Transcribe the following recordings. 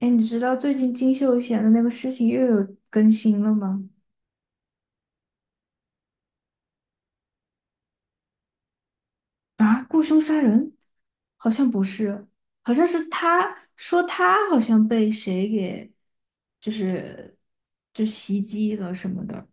哎，你知道最近金秀贤的那个事情又有更新了吗？啊，雇凶杀人？好像不是，好像是他说他好像被谁给，就是就袭击了什么的。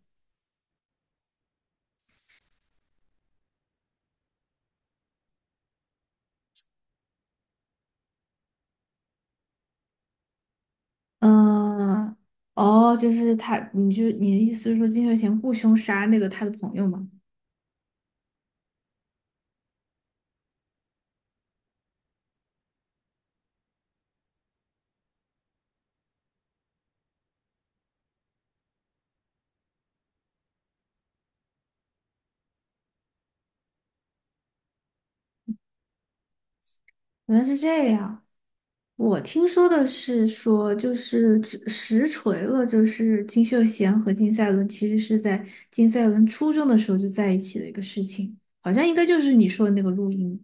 嗯，哦，就是他，你的意思是说金秀贤雇凶杀那个他的朋友吗？原来是这样。我听说的是说，就是只实锤了，就是金秀贤和金赛纶其实是在金赛纶初中的时候就在一起的一个事情，好像应该就是你说的那个录音。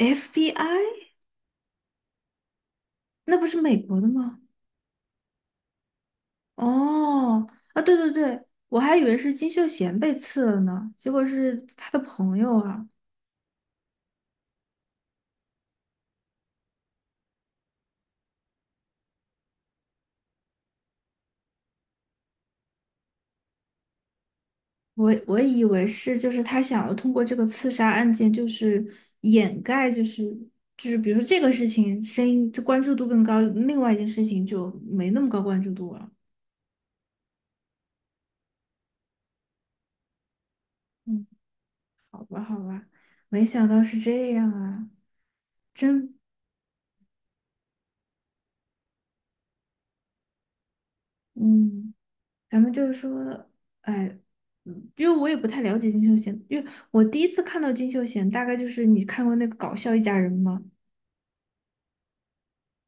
FBI？那不是美国的吗？哦，啊，对对对，我还以为是金秀贤被刺了呢，结果是他的朋友啊。我以为是，就是他想要通过这个刺杀案件，就是掩盖，就是比如说这个事情，声音就关注度更高，另外一件事情就没那么高关注度了。嗯，没想到是这样啊，真，嗯，咱们就是说，哎，因为我也不太了解金秀贤，因为我第一次看到金秀贤，大概就是你看过那个《搞笑一家人》吗？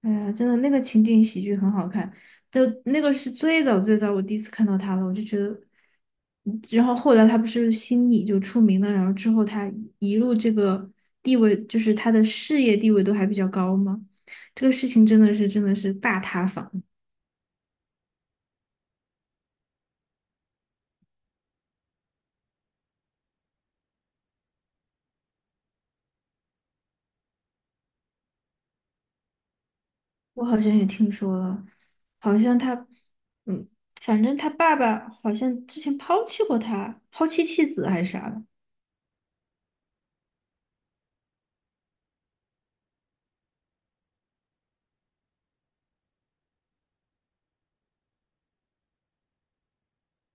哎呀，真的那个情景喜剧很好看，就那个是最早最早我第一次看到他了，我就觉得，然后后来他不是心理就出名了，然后之后他一路这个地位，就是他的事业地位都还比较高嘛，这个事情真的是大塌房，我好像也听说了，好像他，嗯，反正他爸爸好像之前抛弃过他，抛弃妻子还是啥的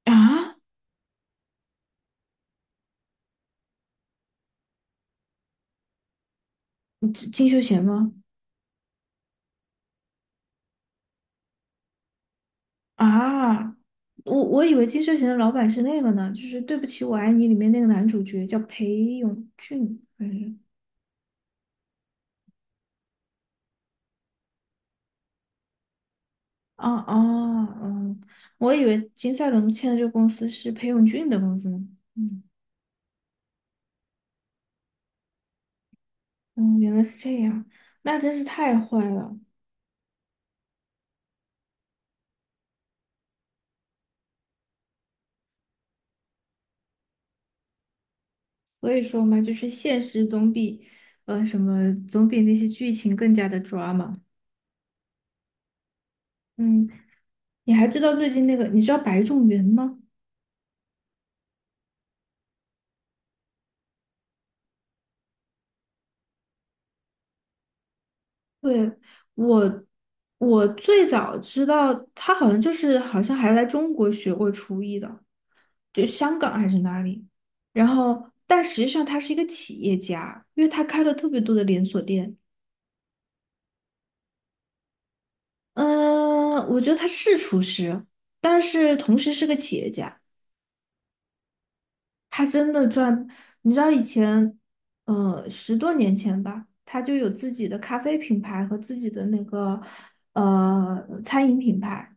啊？金秀贤吗？啊，我以为《金秀贤的老板是那个呢，就是《对不起，我爱你》里面那个男主角叫裴勇俊，还是？啊啊嗯，我以为金赛纶签的这个公司是裴勇俊的公司呢。嗯嗯，原来是这样，那真是太坏了。所以说嘛，就是现实总比那些剧情更加的 drama。嗯，你还知道最近那个，你知道白种元吗？对，我，我最早知道他好像就是好像还来中国学过厨艺的，就香港还是哪里。然后，但实际上他是一个企业家，因为他开了特别多的连锁店。嗯，我觉得他是厨师，但是同时是个企业家。他真的赚，你知道以前，十多年前吧，他就有自己的咖啡品牌和自己的那个呃餐饮品牌，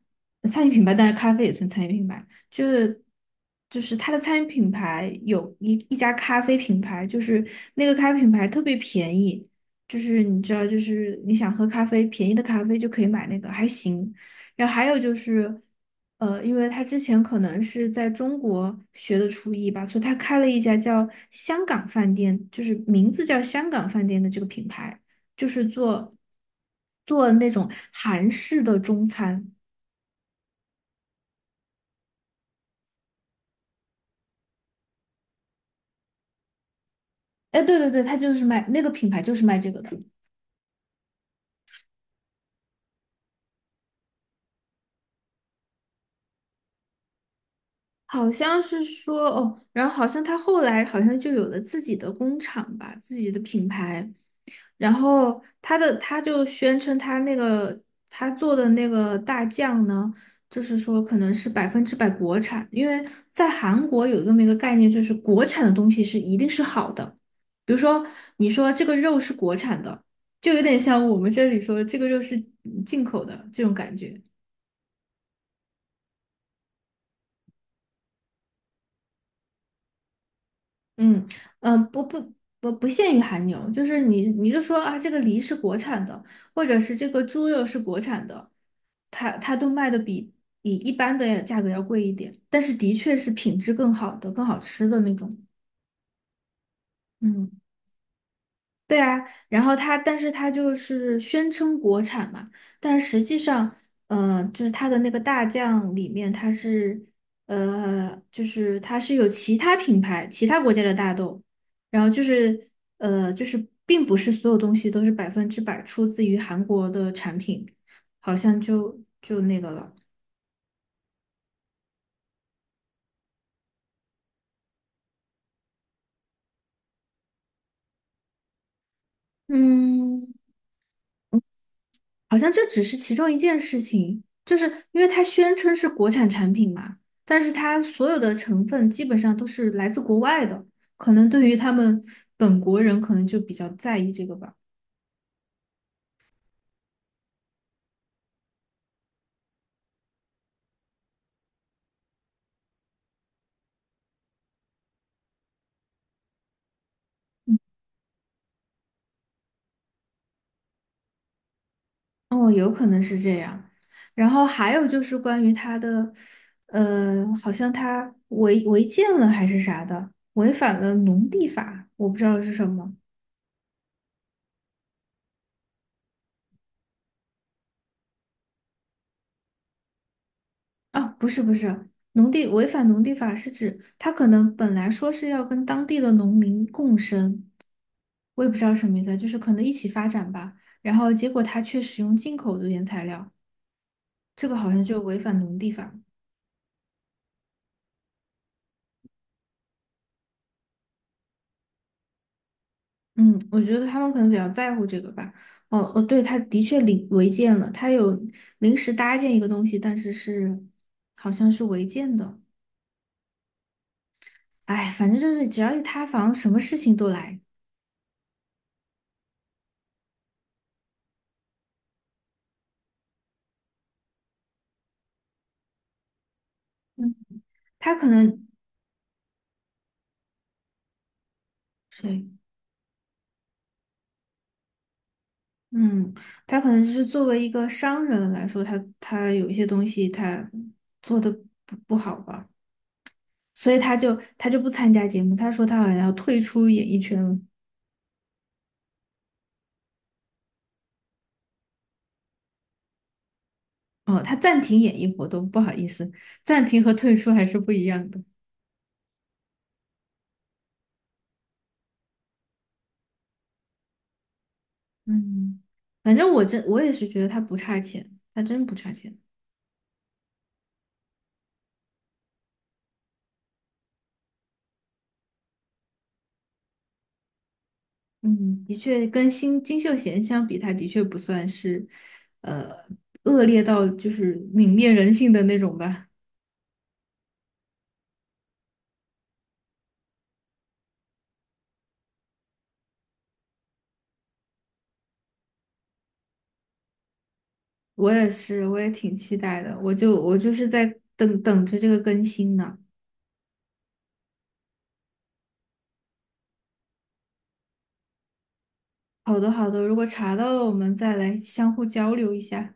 餐饮品牌，但是咖啡也算餐饮品牌，就是就是他的餐饮品牌有一家咖啡品牌，就是那个咖啡品牌特别便宜，就是你知道，就是你想喝咖啡，便宜的咖啡就可以买那个，还行。然后还有就是，因为他之前可能是在中国学的厨艺吧，所以他开了一家叫香港饭店，就是名字叫香港饭店的这个品牌，就是做做那种韩式的中餐。哎，对对对，他就是卖那个品牌，就是卖这个的。好像是说哦，然后好像他后来好像就有了自己的工厂吧，自己的品牌，然后他就宣称他那个他做的那个大酱呢，就是说可能是百分之百国产，因为在韩国有这么一个概念，就是国产的东西是一定是好的。比如说你说这个肉是国产的，就有点像我们这里说这个肉是进口的这种感觉。嗯嗯，不限于韩牛，就是你就说啊，这个梨是国产的，或者是这个猪肉是国产的，它都卖的比一般的价格要贵一点，但是的确是品质更好的、更好吃的那种。嗯。对啊，然后它，但是它就是宣称国产嘛，但实际上，就是它的那个大酱里面，它是，就是它是有其他品牌、其他国家的大豆，然后就是，就是并不是所有东西都是百分之百出自于韩国的产品，好像就那个了，嗯。好像这只是其中一件事情，就是因为它宣称是国产产品嘛，但是它所有的成分基本上都是来自国外的，可能对于他们本国人可能就比较在意这个吧。嗯，哦，有可能是这样。然后还有就是关于他的，好像他违建了还是啥的，违反了农地法，我不知道是什么。啊，不是不是，农地违反农地法是指他可能本来说是要跟当地的农民共生，我也不知道什么意思啊，就是可能一起发展吧。然后结果他却使用进口的原材料，这个好像就违反农地法。嗯，我觉得他们可能比较在乎这个吧。哦哦，对，他的确临违建了，他有临时搭建一个东西，但是好像是违建的。哎，反正就是只要一塌房，什么事情都来。嗯，他可能。对。嗯，他可能就是作为一个商人来说，他有一些东西他做的不好吧，所以他就不参加节目。他说他好像要退出演艺圈了。哦，他暂停演艺活动，不好意思，暂停和退出还是不一样的。嗯，反正我也是觉得他不差钱，他真不差钱。嗯，的确跟新金秀贤相比，他的确不算是呃恶劣到就是泯灭人性的那种吧。我也是，我也挺期待的。我就是在等着这个更新呢。好的，好的，如果查到了，我们再来相互交流一下。